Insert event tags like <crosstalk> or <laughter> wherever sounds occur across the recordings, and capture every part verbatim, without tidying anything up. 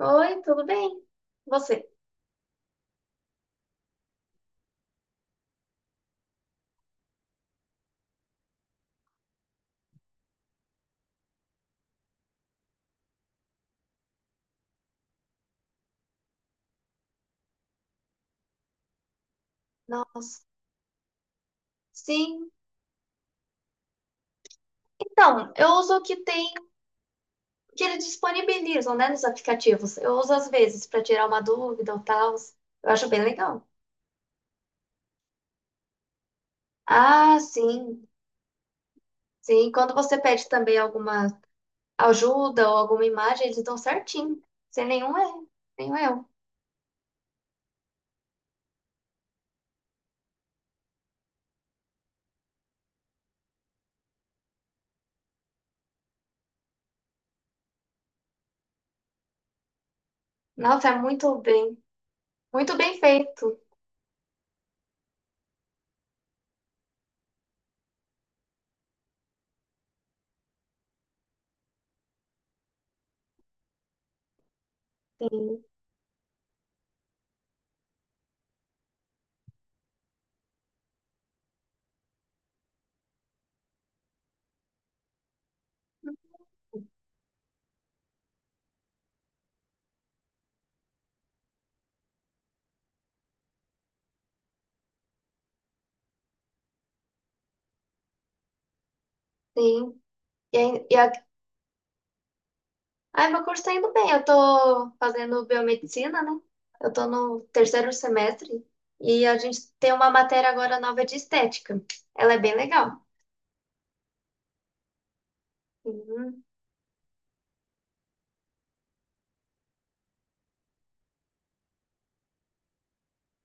Oi, tudo bem? Você? Nossa, sim. Então, eu uso o que tem, que eles disponibilizam, né, nos aplicativos. Eu uso às vezes para tirar uma dúvida ou tal. Eu acho bem legal. Ah, sim. Sim, quando você pede também alguma ajuda ou alguma imagem, eles dão certinho. Sem nenhum erro, nenhum erro. Nossa, é muito bem, muito bem feito. Sim, sim. E, aí- e a Ai, meu curso tá indo bem. Eu tô fazendo biomedicina, né? Eu tô no terceiro semestre e a gente tem uma matéria agora nova de estética. Ela é bem legal. Uhum.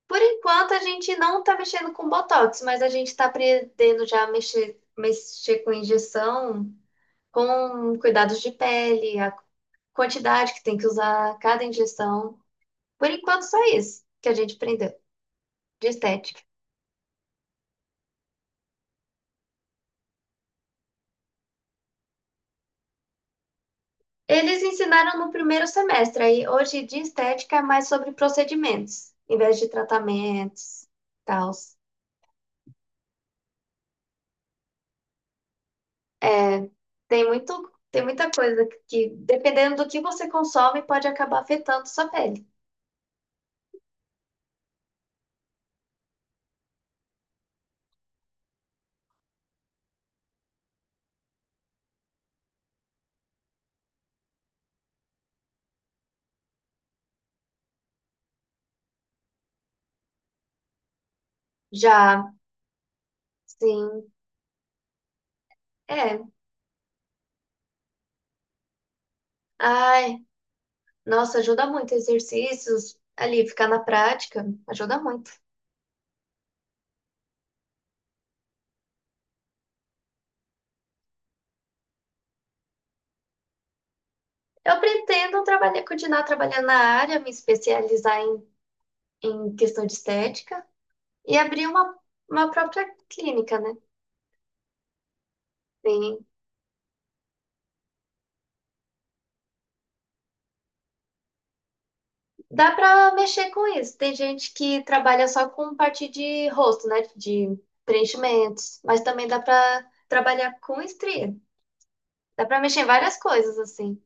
Por enquanto, a gente não tá mexendo com botox, mas a gente tá aprendendo já a mexer, mexer com injeção, com cuidados de pele, a quantidade que tem que usar cada injeção. Por enquanto, só isso que a gente aprendeu de estética. Eles ensinaram no primeiro semestre, aí hoje de estética é mais sobre procedimentos, em vez de tratamentos, tal. Tem muito, tem muita coisa que, dependendo do que você consome, pode acabar afetando sua pele. Já, sim, é. Ai, nossa, ajuda muito exercícios ali, ficar na prática, ajuda muito. Eu pretendo trabalhar, continuar trabalhando na área, me especializar em, em questão de estética e abrir uma, uma própria clínica, né? Sim. Dá pra mexer com isso. Tem gente que trabalha só com parte de rosto, né? De preenchimentos. Mas também dá pra trabalhar com estria. Dá pra mexer em várias coisas, assim.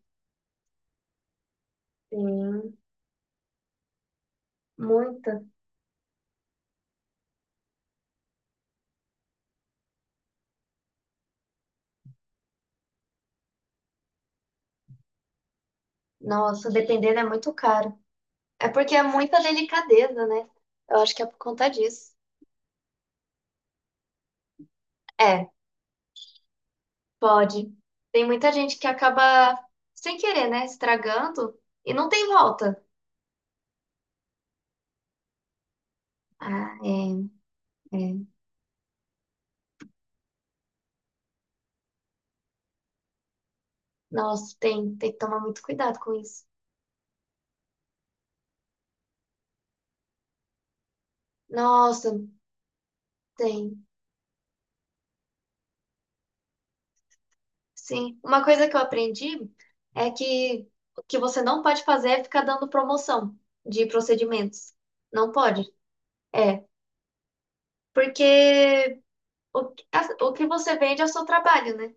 Sim, muita. Nossa, dependendo é muito caro. É porque é muita delicadeza, né? Eu acho que é por conta disso. É, pode. Tem muita gente que acaba, sem querer, né? Estragando e não tem volta. Ah, é, é. Nossa, tem, tem que tomar muito cuidado com isso. Nossa. Tem, sim. Uma coisa que eu aprendi é que o que você não pode fazer é ficar dando promoção de procedimentos. Não pode. É, porque o, que- a- o que você vende é o seu trabalho, né?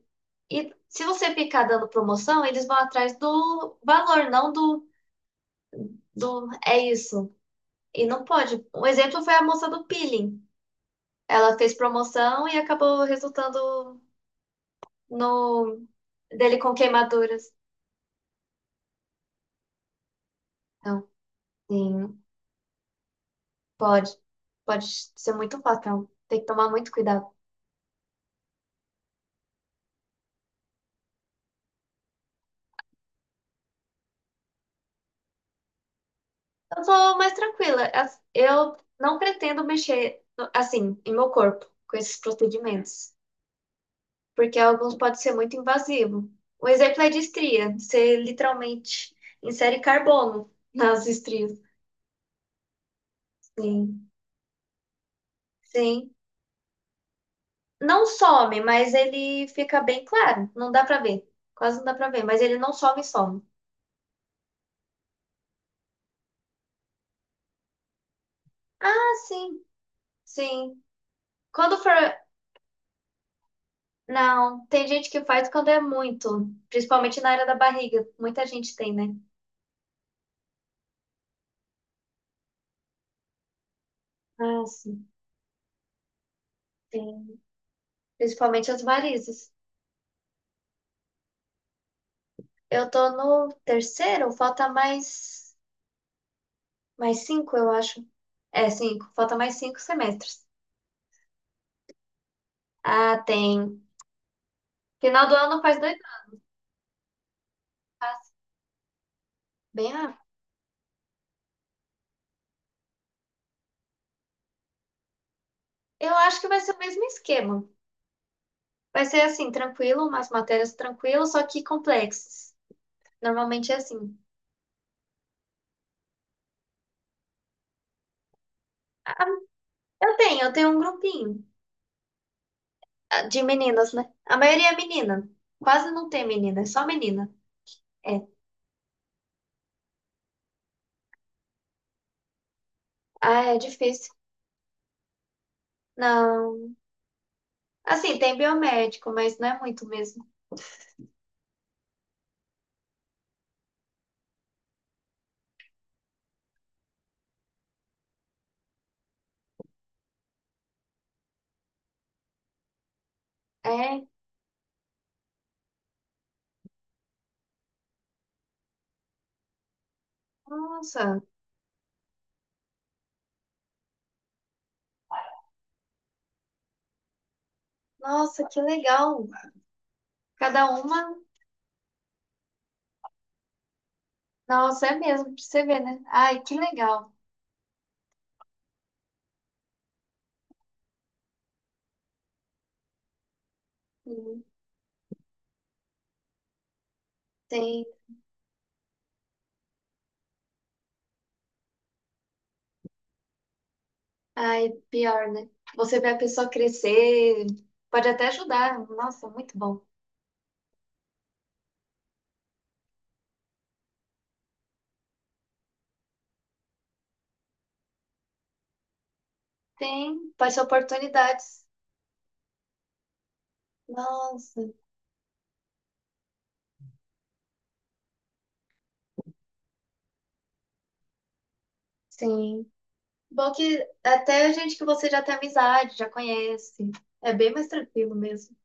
E se você ficar dando promoção, eles vão atrás do valor, não do, do é isso. E não pode. Um exemplo foi a moça do peeling. Ela fez promoção e acabou resultando no dele com queimaduras. Então, sim. Pode, pode ser muito fatal. Tem que tomar muito cuidado. Eu sou mais tranquila. As- Eu não pretendo mexer, no- assim, em meu corpo com esses procedimentos, porque alguns podem ser muito invasivo. Um exemplo é de estria. Você literalmente insere carbono <laughs> nas estrias. Sim, sim. Não some, mas ele fica bem claro. Não dá pra ver. Quase não dá pra ver, mas ele não some e some. Ah, sim, sim. Quando for. Não, tem gente que faz quando é muito, principalmente na área da barriga. Muita gente tem, né? Ah, sim. Tem, principalmente as varizes. Eu tô no terceiro, falta mais mais cinco, eu acho. É, cinco, falta mais cinco semestres. Ah, tem. Final do ano faz dois. anos. Bem, ah, eu acho que vai ser o mesmo esquema. Vai ser assim, tranquilo, umas matérias tranquilas, só que complexas. Normalmente é assim. Eu tenho, eu tenho um grupinho. De meninas, né? A maioria é menina. Quase não tem menina, é só menina. É. Ah, é difícil. Não. Assim, tem biomédico, mas não é muito mesmo. É. Nossa. Nossa, que legal. Cada uma. Nossa, é mesmo, pra você ver, né? Ai, que legal. Uhum. Tem. Ai, pior, né? Você vê a pessoa crescer. Pode até ajudar. Nossa, muito bom. Tem. Pode ser oportunidades. Nossa. Sim. Bom que até gente que você já tem amizade, já conhece. É bem mais tranquilo mesmo.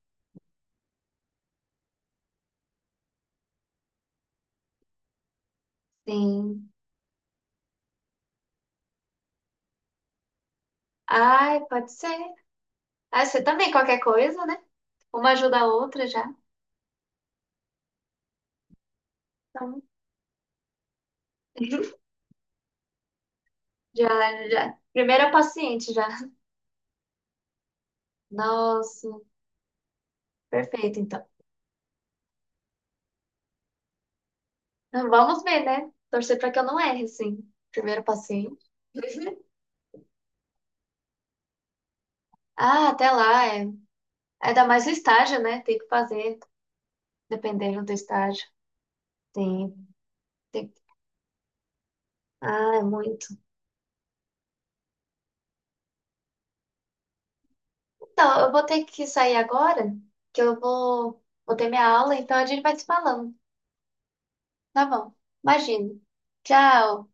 Sim. Ai, pode ser. Ah, você também, qualquer coisa, né? Uma ajuda a outra já. Então, <laughs> já, já. Primeira paciente já. Nossa, perfeito, então. Então, vamos ver, né? Torcer para que eu não erre, sim. Primeiro paciente. Ah, até lá. É. Ainda mais o estágio, né? Tem que fazer, dependendo do estágio. Tem, tem. Ah, é muito. Então, eu vou ter que sair agora, que eu vou, vou ter minha aula, então a gente vai se falando. Tá bom. Imagino. Tchau.